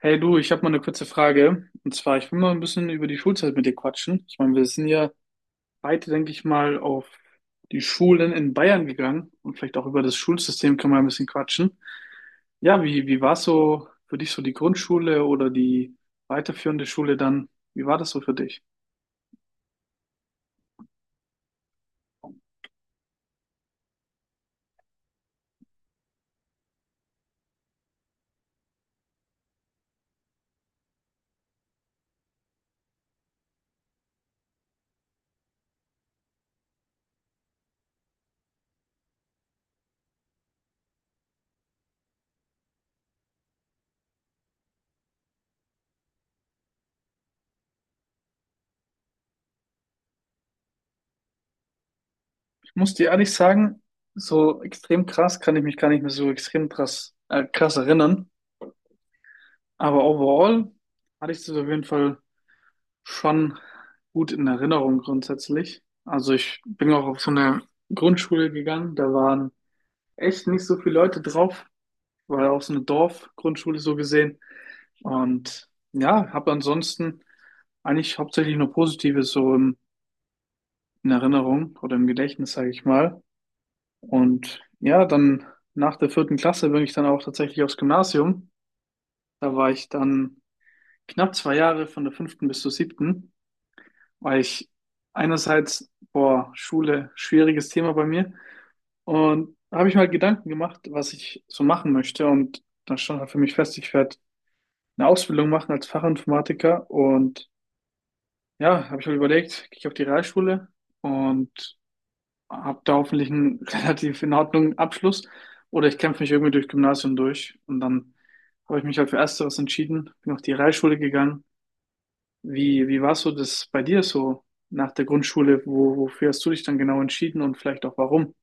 Hey du, ich habe mal eine kurze Frage. Und zwar, ich will mal ein bisschen über die Schulzeit mit dir quatschen. Ich meine, wir sind ja beide, denke ich mal, auf die Schulen in Bayern gegangen, und vielleicht auch über das Schulsystem können wir ein bisschen quatschen. Ja, wie war so für dich so die Grundschule oder die weiterführende Schule dann? Wie war das so für dich? Ich muss dir ehrlich sagen, so extrem krass kann ich mich gar nicht mehr so extrem krass erinnern. Aber overall hatte ich das auf jeden Fall schon gut in Erinnerung grundsätzlich. Also ich bin auch auf so eine Grundschule gegangen, da waren echt nicht so viele Leute drauf, weil auch so eine Dorfgrundschule so gesehen. Und ja, habe ansonsten eigentlich hauptsächlich nur Positives in Erinnerung oder im Gedächtnis, sage ich mal. Und ja, dann nach der vierten Klasse bin ich dann auch tatsächlich aufs Gymnasium. Da war ich dann knapp zwei Jahre von der fünften bis zur siebten, weil ich einerseits, boah, Schule, schwieriges Thema bei mir. Und da habe ich mir halt Gedanken gemacht, was ich so machen möchte. Und dann stand halt für mich fest, ich werde eine Ausbildung machen als Fachinformatiker. Und ja, habe ich mir überlegt, gehe ich auf die Realschule und habe da hoffentlich einen relativ in Ordnung Abschluss. Oder ich kämpfe mich irgendwie durch Gymnasium durch. Und dann habe ich mich halt für Ersteres entschieden, bin auf die Realschule gegangen. Wie war so das bei dir so nach der Grundschule? Wofür hast du dich dann genau entschieden und vielleicht auch warum?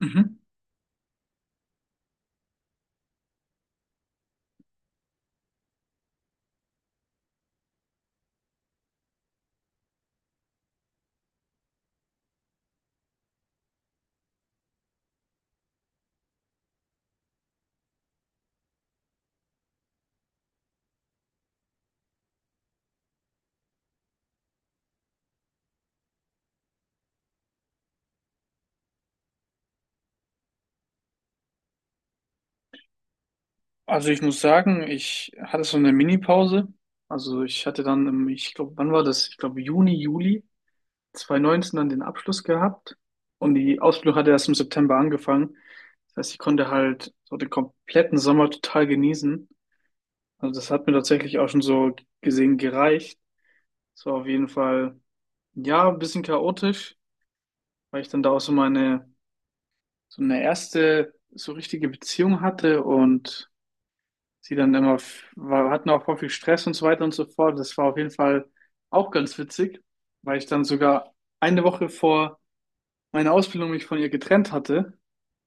Mhm. Also ich muss sagen, ich hatte so eine Mini-Pause. Also ich hatte dann, ich glaube, wann war das? Ich glaube Juni, Juli 2019 dann den Abschluss gehabt. Und die Ausbildung hatte erst im September angefangen. Das heißt, ich konnte halt so den kompletten Sommer total genießen. Also das hat mir tatsächlich auch schon so gesehen gereicht. Es war auf jeden Fall, ja, ein bisschen chaotisch, weil ich dann da auch so eine erste so richtige Beziehung hatte und sie dann immer, hatten auch voll viel Stress und so weiter und so fort. Das war auf jeden Fall auch ganz witzig, weil ich dann sogar eine Woche vor meiner Ausbildung mich von ihr getrennt hatte,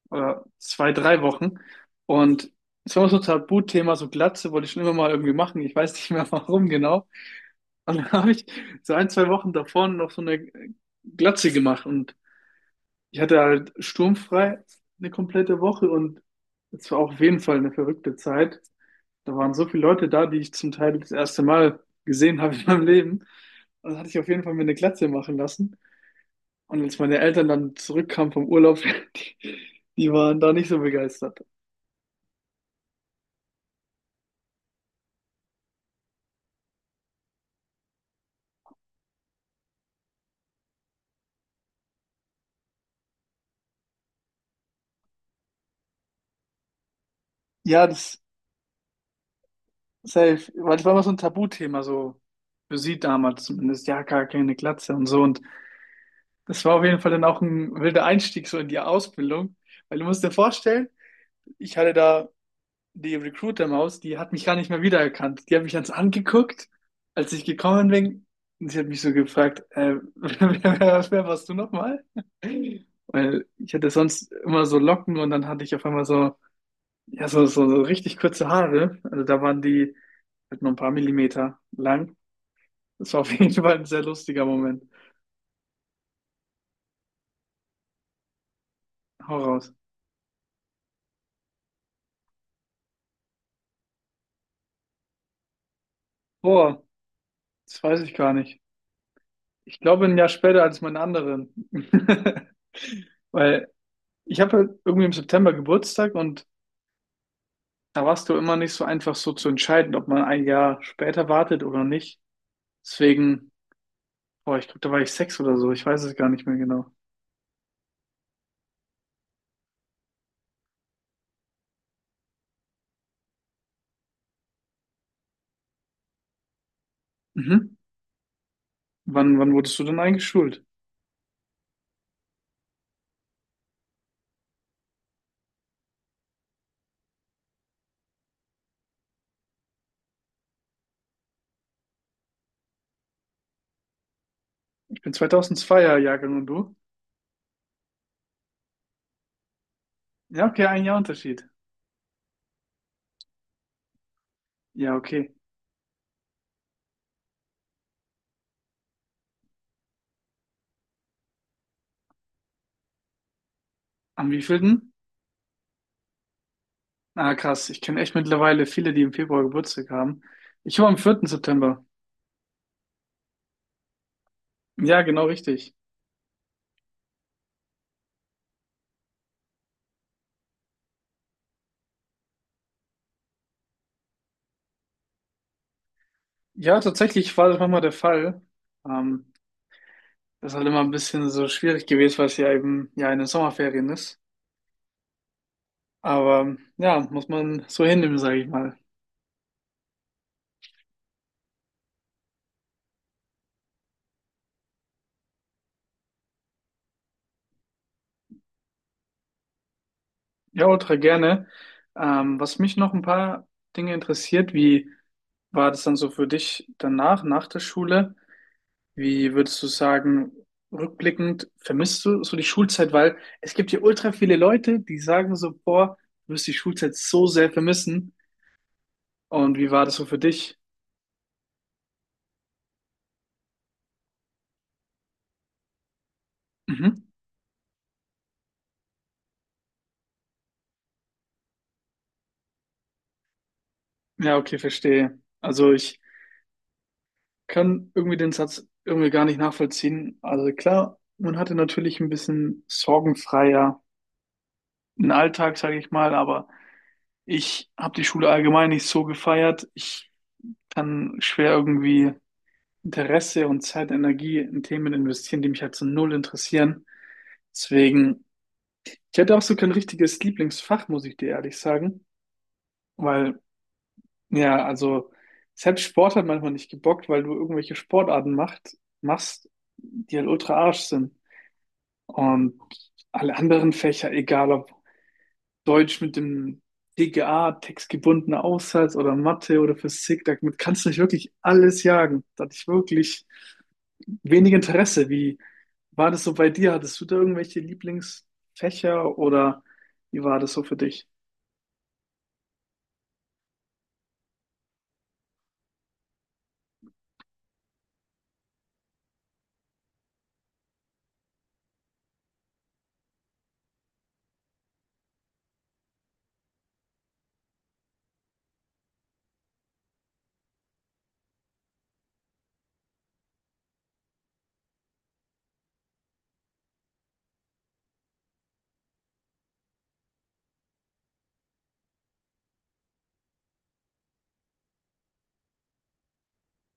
oder zwei, drei Wochen. Und es war so ein Tabuthema, so Glatze wollte ich schon immer mal irgendwie machen. Ich weiß nicht mehr warum genau. Und dann habe ich so ein, zwei Wochen davor noch so eine Glatze gemacht, und ich hatte halt sturmfrei eine komplette Woche, und es war auf jeden Fall eine verrückte Zeit. Da waren so viele Leute da, die ich zum Teil das erste Mal gesehen habe in meinem Leben. Also hatte ich auf jeden Fall mir eine Glatze machen lassen. Und als meine Eltern dann zurückkamen vom Urlaub, die, die waren da nicht so begeistert. Ja, das safe, weil das war immer so ein Tabuthema, so für sie damals zumindest. Ja, gar keine Glatze und so. Und das war auf jeden Fall dann auch ein wilder Einstieg so in die Ausbildung. Weil du musst dir vorstellen, ich hatte da die Recruiter-Maus, die hat mich gar nicht mehr wiedererkannt. Die hat mich ganz angeguckt, als ich gekommen bin. Und sie hat mich so gefragt, wer warst du nochmal? Weil ich hatte sonst immer so Locken, und dann hatte ich auf einmal so, ja, so richtig kurze Haare. Also da waren die halt nur ein paar Millimeter lang. Das war auf jeden Fall ein sehr lustiger Moment. Hau raus. Boah, das weiß ich gar nicht. Ich glaube ein Jahr später als meine anderen. Weil ich habe halt irgendwie im September Geburtstag, und da warst du immer nicht so einfach so zu entscheiden, ob man ein Jahr später wartet oder nicht. Deswegen, boah, ich glaube, da war ich sechs oder so. Ich weiß es gar nicht mehr genau. Mhm. Wann wurdest du denn eingeschult? Ich bin 2002er Jahrgang, und du? Ja, okay, ein Jahr Unterschied. Ja, okay. Am wievielten? Ah, krass. Ich kenne echt mittlerweile viele, die im Februar Geburtstag haben. Ich war am vierten September. Ja, genau richtig. Ja, tatsächlich war das manchmal der Fall. Ähm, das ist halt immer ein bisschen so schwierig gewesen, weil es ja eben ja in den Sommerferien ist. Aber ja, muss man so hinnehmen, sage ich mal. Ja, ultra gerne. Was mich noch ein paar Dinge interessiert, wie war das dann so für dich danach, nach der Schule? Wie würdest du sagen, rückblickend, vermisst du so die Schulzeit? Weil es gibt hier ultra viele Leute, die sagen so, boah, du wirst die Schulzeit so sehr vermissen. Und wie war das so für dich? Mhm. Ja, okay, verstehe. Also ich kann irgendwie den Satz irgendwie gar nicht nachvollziehen. Also klar, man hatte natürlich ein bisschen sorgenfreier einen Alltag, sage ich mal, aber ich habe die Schule allgemein nicht so gefeiert. Ich kann schwer irgendwie Interesse und Zeit, Energie in Themen investieren, die mich halt so null interessieren. Deswegen, ich hätte auch so kein richtiges Lieblingsfach, muss ich dir ehrlich sagen, weil ja, also selbst Sport hat manchmal nicht gebockt, weil du irgendwelche machst, die halt ultra Arsch sind. Und alle anderen Fächer, egal ob Deutsch mit dem DGA, textgebundener Aufsatz, oder Mathe oder Physik, damit kannst du nicht wirklich alles jagen. Da hatte ich wirklich wenig Interesse. Wie war das so bei dir? Hattest du da irgendwelche Lieblingsfächer oder wie war das so für dich?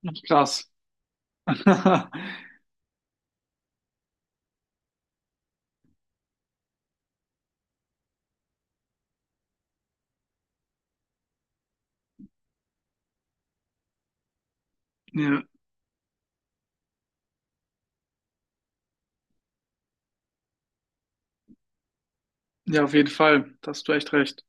Ach, krass. Ja, ja, auf jeden Fall. Da hast du echt recht.